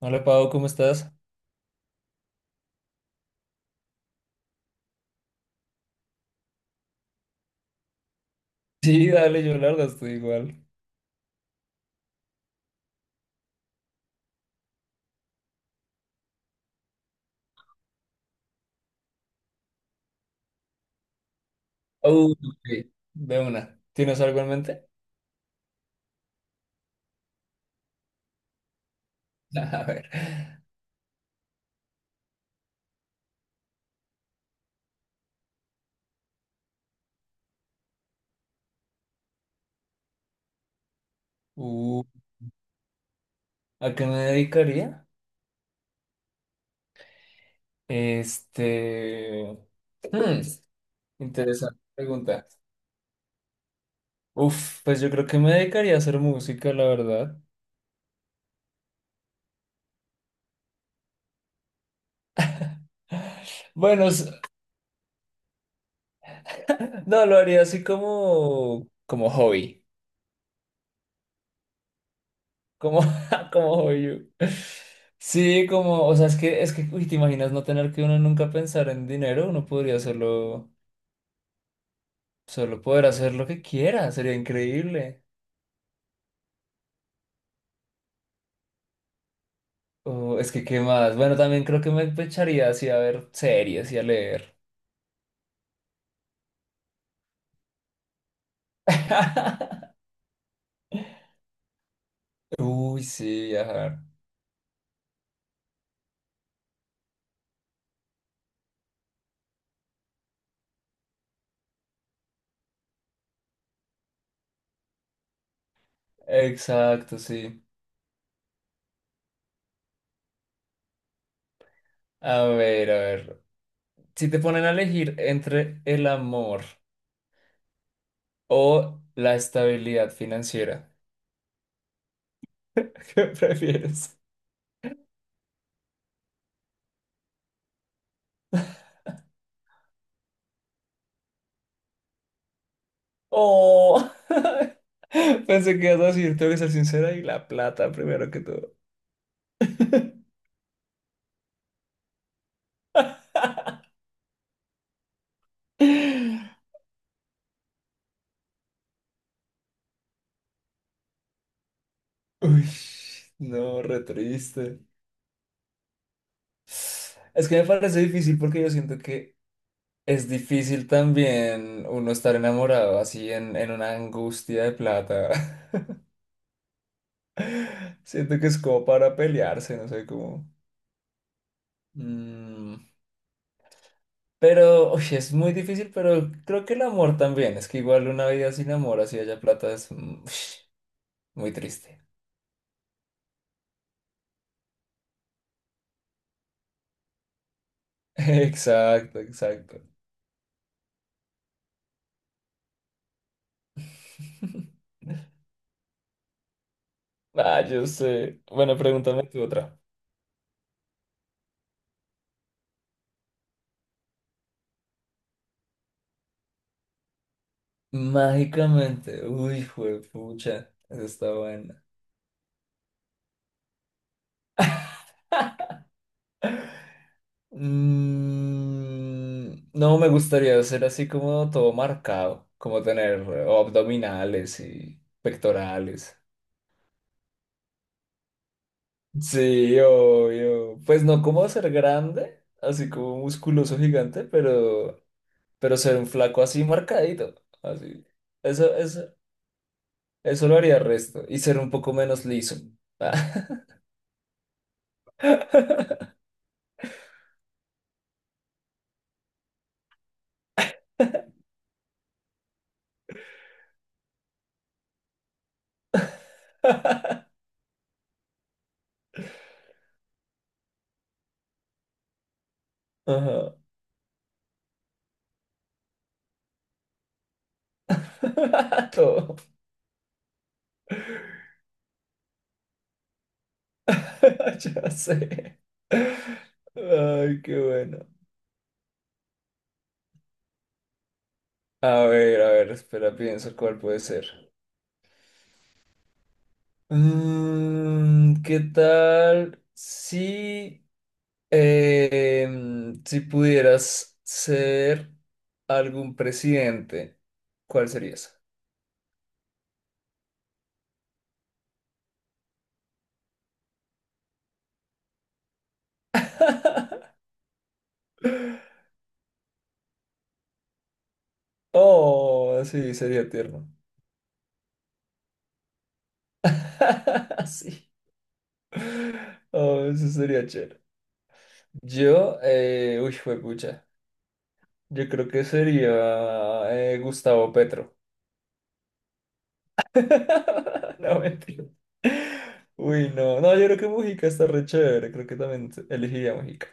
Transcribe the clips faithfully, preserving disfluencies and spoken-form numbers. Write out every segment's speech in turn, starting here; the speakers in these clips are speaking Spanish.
Hola Pau, ¿cómo estás? Sí, dale, yo la verdad estoy igual. Uh, ok, de una. ¿Tienes algo en mente? A ver. Uh, ¿a qué me dedicaría? Este. hmm, interesante pregunta. Uf, pues yo creo que me dedicaría a hacer música, la verdad. Bueno, s- no, lo haría así como, como hobby. Como, como hobby. Sí, como, o sea, es que, es que, uy, te imaginas no tener que uno nunca pensar en dinero, uno podría hacerlo. Solo poder hacer lo que quiera, sería increíble. O es que, ¿qué más? Bueno, también creo que me echaría así a ver series y a leer. Uy, sí, viajar. Exacto, sí. A ver, a ver. Si te ponen a elegir entre el amor o la estabilidad financiera, ¿qué prefieres? Oh, pensé que ibas a decir, tengo que ser sincera y la plata primero que todo. Uy, no, re triste. Es que me parece difícil porque yo siento que es difícil también uno estar enamorado así en, en una angustia de plata. Siento que es como para pelearse, no sé cómo. Mm, pero, uy, es muy difícil, pero creo que el amor también. Es que igual una vida sin amor, así haya plata, es mm, muy triste. Exacto, exacto. Ah, yo sé. Bueno, pregúntame tú otra. Mágicamente. Uy, pucha. Eso está buena. Mm, no me gustaría ser así como todo marcado, como tener eh, abdominales y pectorales. Sí, obvio. Pues no como ser grande, así como musculoso gigante, pero, pero ser un flaco así marcadito. Así. Eso, eso, eso lo haría resto. Y ser un poco menos liso. Ajá. Todo. Ya sé. Ay, qué bueno. A ver, a ver, espera, pienso cuál puede ser. Mm, ¿qué tal si, em, si pudieras ser algún presidente? ¿Cuál serías? Oh, sí, sería tierno. Sí. Oh, eso sería chévere. Yo, eh, uy, fue pucha. Yo creo que sería eh, Gustavo Petro. No, mentira. Uy, no. No, yo creo que Mujica está re chévere. Creo que también elegiría Mujica.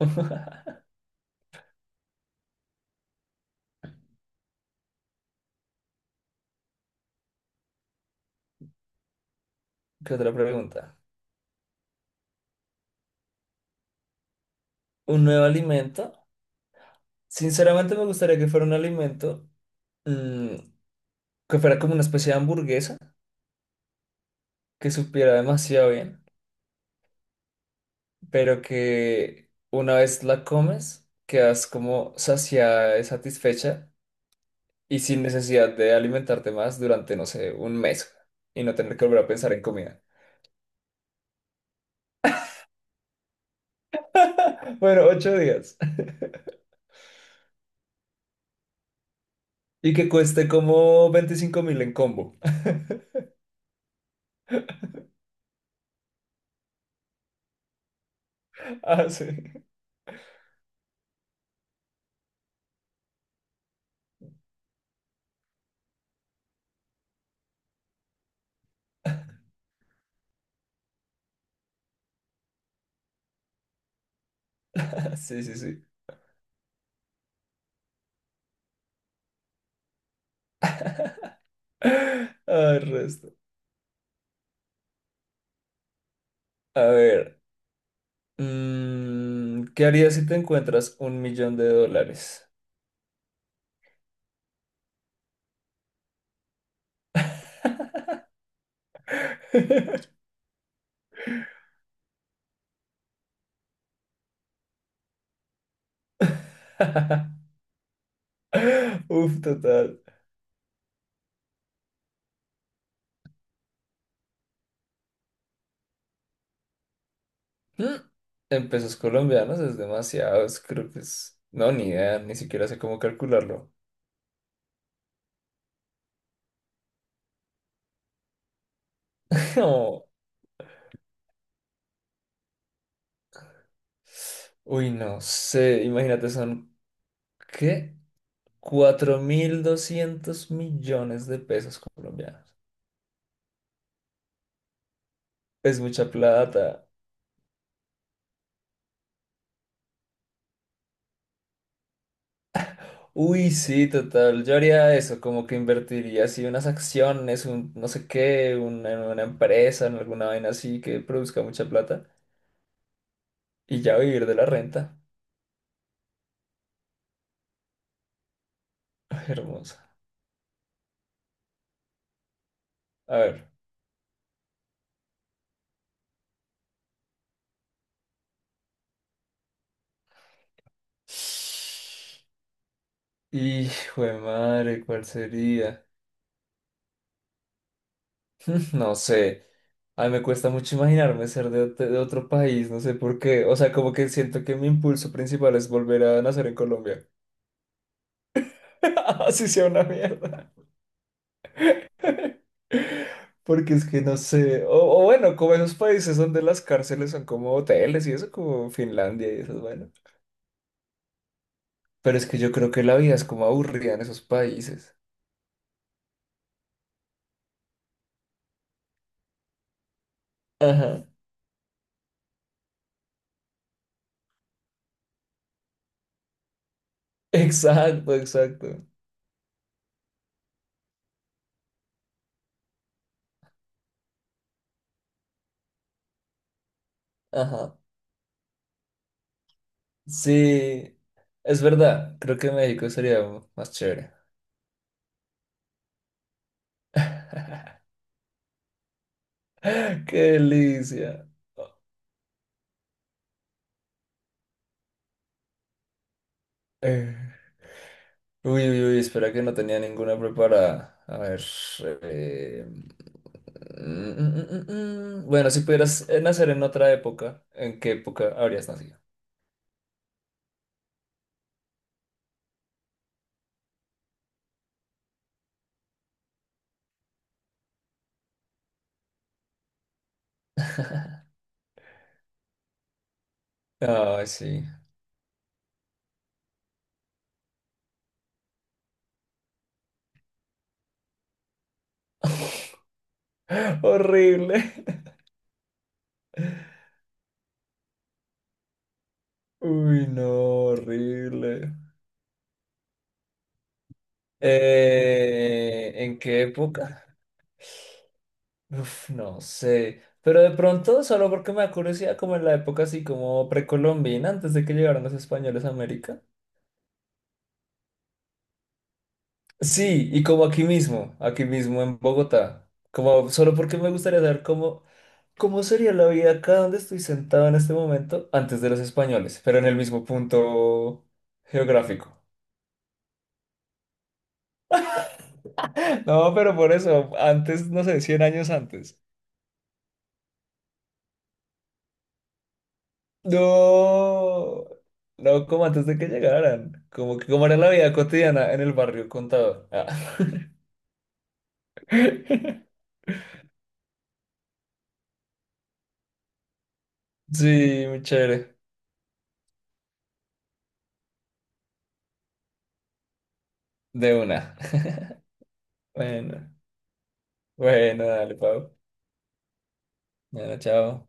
¿Qué otra pregunta? ¿Un nuevo alimento? Sinceramente me gustaría que fuera un alimento mm, que fuera como una especie de hamburguesa, que supiera demasiado bien, pero que una vez la comes, quedas como saciada y satisfecha y sin necesidad de alimentarte más durante, no sé, un mes y no tener que volver a pensar en comida. Bueno, ocho días. Y que cueste como veinticinco mil en combo. Ah, sí. Sí, sí, sí. Ah, el resto. A ver. mm, ¿qué harías si te encuentras un millón de dólares? Uf, total. Mm, En pesos colombianos es demasiado, es- creo que es... No, ni idea, ni siquiera sé cómo calcularlo. Uy, no sé, imagínate, son, ¿qué? cuatro mil doscientos millones de pesos colombianos. Es mucha plata. Uy, sí, total. Yo haría eso, como que invertiría así unas acciones, un no sé qué, una, en una empresa, en alguna vaina así que produzca mucha plata y ya vivir de la renta. Ay, hermosa. A ver. Y, jue madre, ¿cuál sería? No sé, a mí me cuesta mucho imaginarme ser de, ot- de otro país, no sé por qué. O sea, como que siento que mi impulso principal es volver a nacer en Colombia. Así sea una mierda. Porque es que no sé. O, o bueno, como esos países donde las cárceles son como hoteles y eso, como Finlandia y eso, bueno. Pero es que yo creo que la vida es como aburrida en esos países. Ajá. Exacto, exacto. Ajá. Sí, es verdad. Creo que México sería más chévere. Qué delicia. Eh, Uy, uy, uy, espera que no tenía ninguna preparada. A ver. eh, mm, mm, mm, mm. mm. Bueno, si pudieras eh, nacer en otra época, ¿en qué época habrías nacido? Ay, sí. Horrible. Uy, no, horrible. Eh, ¿en qué época? Uf, no sé. Pero de pronto, solo porque me da curiosidad, como en la época así como precolombina, antes de que llegaran los españoles a América. Sí, y como aquí mismo, aquí mismo en Bogotá, como solo porque me gustaría saber cómo, cómo sería la vida acá donde estoy sentado en este momento antes de los españoles, pero en el mismo punto geográfico. No, pero por eso, antes, no sé, cien años antes. No, no, como antes de que llegaran, como que cómo era la vida cotidiana en el barrio Contador. Ah. Sí, muy chévere, de una. Bueno, bueno, dale, Pau. Bueno, chao.